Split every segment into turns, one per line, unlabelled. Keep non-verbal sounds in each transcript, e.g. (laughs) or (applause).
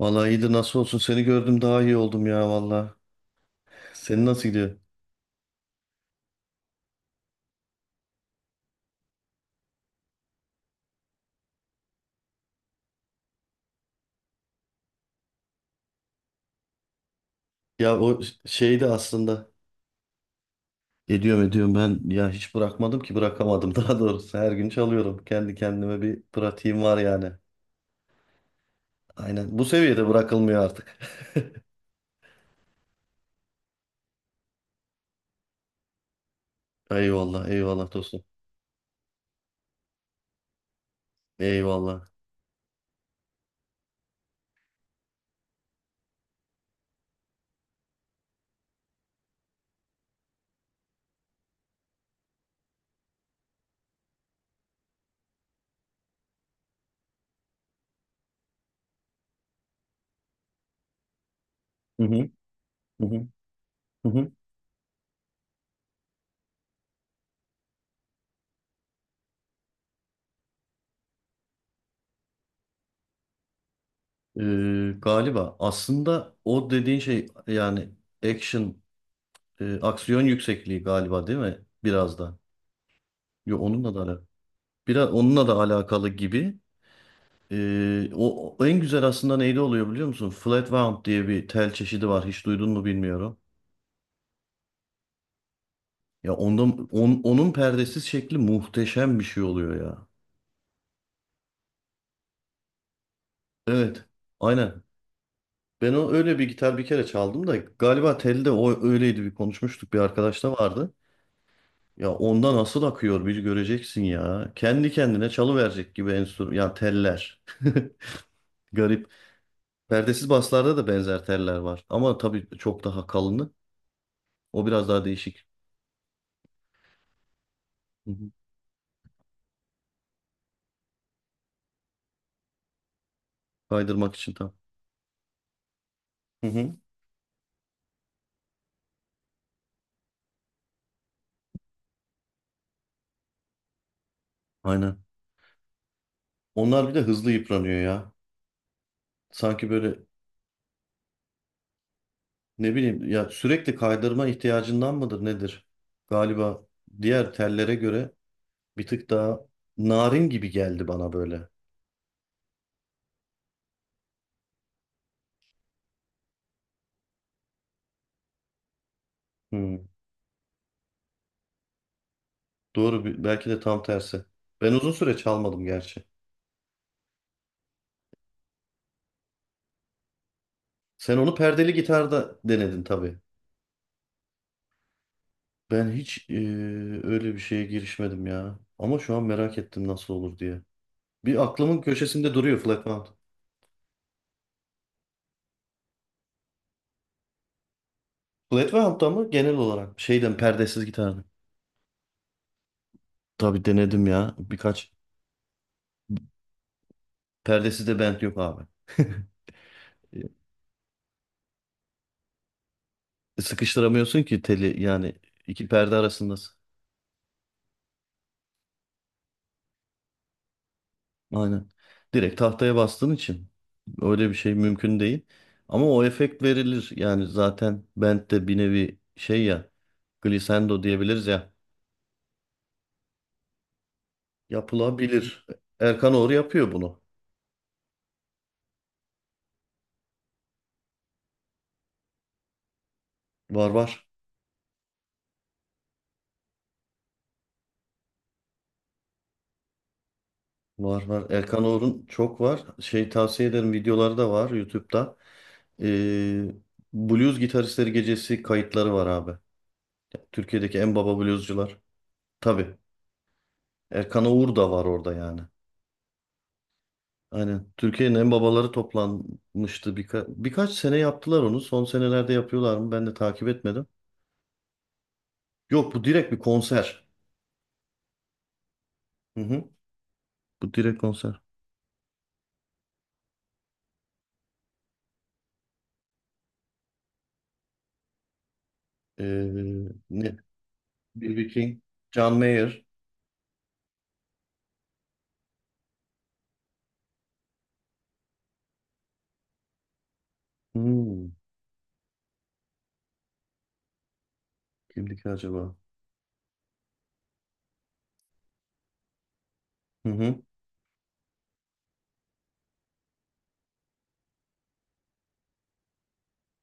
Vallahi iyidir, nasıl olsun? Seni gördüm daha iyi oldum ya vallahi. Senin nasıl gidiyor? Ya o şeydi aslında. Ediyorum ben ya, hiç bırakmadım ki, bırakamadım (laughs) daha doğrusu. Her gün çalıyorum. Kendi kendime bir pratiğim var yani. Aynen, bu seviyede bırakılmıyor artık. (laughs) Eyvallah eyvallah dostum. Eyvallah. Hı hı, hı hı, hı hı. Galiba aslında o dediğin şey yani action, aksiyon yüksekliği galiba, değil mi? Biraz da. Yo, onunla da alakalı. Biraz onunla da alakalı gibi. O, o en güzel aslında neyde oluyor, biliyor musun? Flatwound diye bir tel çeşidi var. Hiç duydun mu, bilmiyorum. Ya onda onun perdesiz şekli muhteşem bir şey oluyor ya. Evet. Aynen. Ben o öyle bir gitar bir kere çaldım da galiba telde o öyleydi, bir konuşmuştuk, bir arkadaş da vardı. Ya onda nasıl akıyor bir göreceksin ya. Kendi kendine çalıverecek gibi enstrüman ya, teller. (laughs) Garip. Perdesiz baslarda da benzer teller var ama tabii çok daha kalını. O biraz daha değişik. Kaydırmak için tam. Hı hı. Aynen. Onlar bir de hızlı yıpranıyor ya. Sanki böyle, ne bileyim ya, sürekli kaydırma ihtiyacından mıdır nedir? Galiba diğer tellere göre bir tık daha narin gibi geldi bana böyle. Hı. Doğru, belki de tam tersi. Ben uzun süre çalmadım gerçi. Sen onu perdeli gitarda denedin tabii. Ben hiç öyle bir şeye girişmedim ya. Ama şu an merak ettim nasıl olur diye. Bir aklımın köşesinde duruyor flat. Flatland'da mı genel olarak? Şeyden, perdesiz gitar mı? Tabii denedim ya. Birkaç perdesiz de bent yok abi. (laughs) Sıkıştıramıyorsun ki teli, yani iki perde arasındasın. Aynen. Direkt tahtaya bastığın için öyle bir şey mümkün değil. Ama o efekt verilir. Yani zaten bent de bir nevi şey ya, glissando diyebiliriz ya. Yapılabilir. Erkan Oğur yapıyor bunu. Var var. Var var. Erkan Oğur'un çok var. Şey, tavsiye ederim, videoları da var YouTube'da. Ee, Blues Gitaristleri Gecesi kayıtları var abi. Türkiye'deki en baba bluescular. Tabii. Erkan Oğur da var orada yani. Aynen. Türkiye'nin en babaları toplanmıştı. Birkaç sene yaptılar onu. Son senelerde yapıyorlar mı? Ben de takip etmedim. Yok, bu direkt bir konser. Hı hı. Bu direkt konser. Ee, Ne? B.B. King, John Mayer. Hmm. Kimdi ki acaba? Hı hı.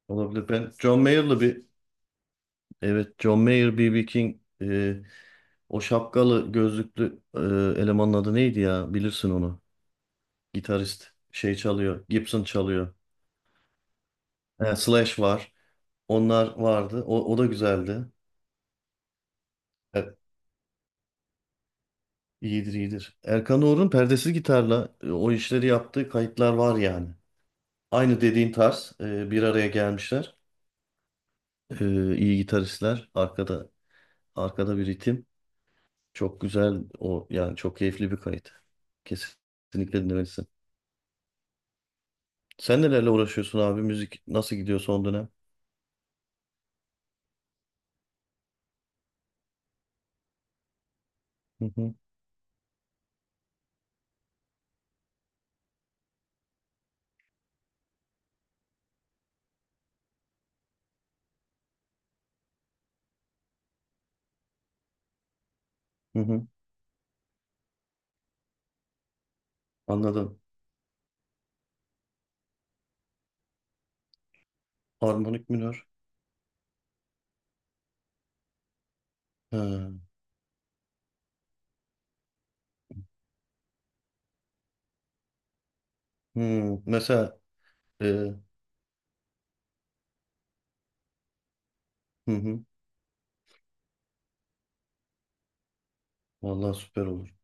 Olabilir. Ben John Mayer'lı bir, evet, John Mayer, B.B. King, o şapkalı gözlüklü, elemanın adı neydi ya? Bilirsin onu. Gitarist. Şey çalıyor. Gibson çalıyor. He, Slash var. Onlar vardı. O, o da güzeldi. Evet, iyidir iyidir. Erkan Oğur'un perdesiz gitarla o işleri yaptığı kayıtlar var yani. Aynı dediğin tarz, bir araya gelmişler. E, iyi gitaristler. Arkada bir ritim. Çok güzel o, yani çok keyifli bir kayıt. Kesinlikle dinlemelisin. Sen nelerle uğraşıyorsun abi? Müzik nasıl gidiyor son dönem? Hı hı, hı hı. Anladım. Harmonik minör. Ha. Hı. Mesela, e, hı hı. Vallahi süper olur.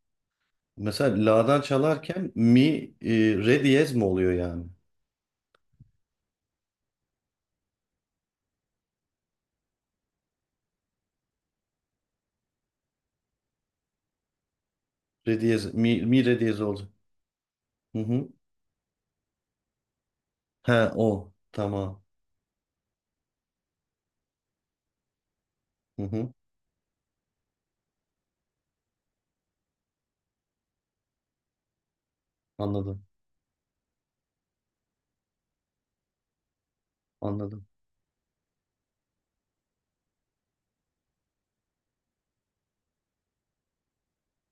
Mesela la'dan çalarken mi re diyez mi oluyor yani? Re diyez, mi, re diyez olacak. Hı hı. He o. Tamam. Hı hı. Anladım. Anladım.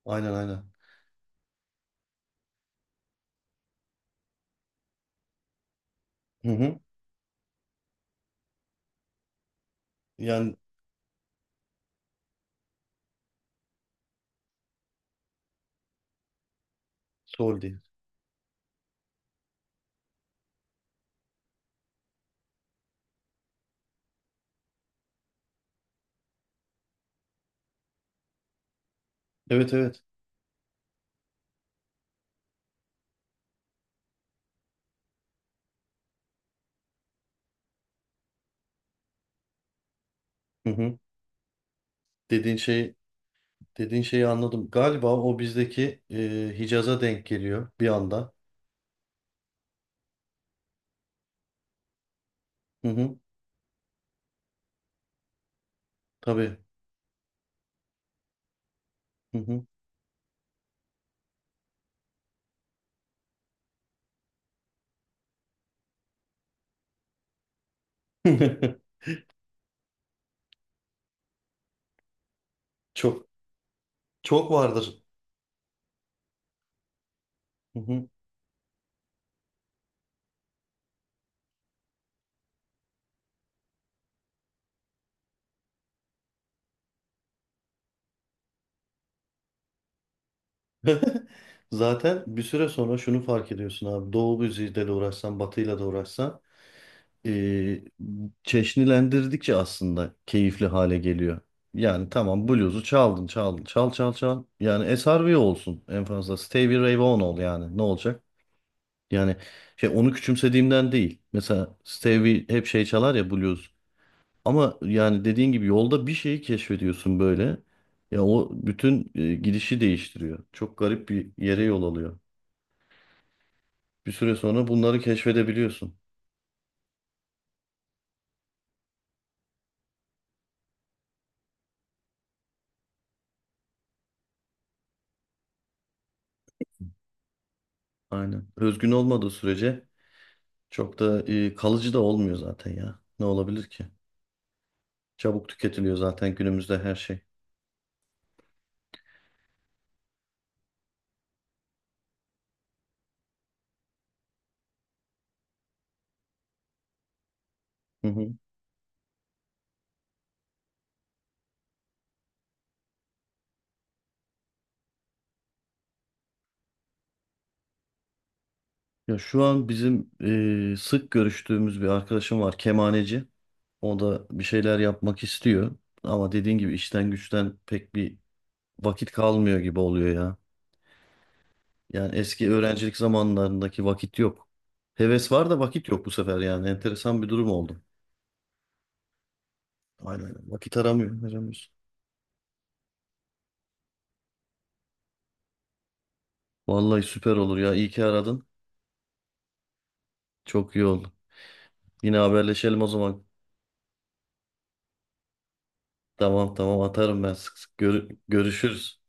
Aynen aynen. Hı hı. Yani sol değil. Evet evet. Hı hı. Dediğin şey Dediğin şeyi anladım. Galiba o bizdeki Hicaz'a denk geliyor bir anda. Hı hı. Tabii. Hı hı. (laughs) Çok, çok vardır. Hı hı. (laughs) Zaten bir süre sonra şunu fark ediyorsun abi. Doğu müziğiyle de uğraşsan, batıyla da uğraşsan, e, çeşnilendirdikçe aslında keyifli hale geliyor. Yani tamam, bluzu çaldın, çaldın. Çal çal çal. Yani SRV olsun en fazla. Stevie Ray Vaughan ol yani. Ne olacak? Yani şey, onu küçümsediğimden değil. Mesela Stevie hep şey çalar ya, blues. Ama yani dediğin gibi yolda bir şeyi keşfediyorsun böyle. Ya o bütün gidişi değiştiriyor. Çok garip bir yere yol alıyor. Bir süre sonra bunları keşfedebiliyorsun. Aynen. Özgün olmadığı sürece çok da kalıcı da olmuyor zaten ya. Ne olabilir ki? Çabuk tüketiliyor zaten günümüzde her şey. (laughs) Ya şu an bizim sık görüştüğümüz bir arkadaşım var, kemaneci. O da bir şeyler yapmak istiyor. Ama dediğin gibi işten güçten pek bir vakit kalmıyor gibi oluyor ya. Yani eski öğrencilik zamanlarındaki vakit yok. Heves var da vakit yok bu sefer yani. Enteresan bir durum oldu. Aynen, aynen. Vakit aramıyor, aramıyoruz. Vallahi süper olur ya. İyi ki aradın. Çok iyi oldu. Yine haberleşelim o zaman. Tamam tamam, atarım ben sık sık. Görüşürüz.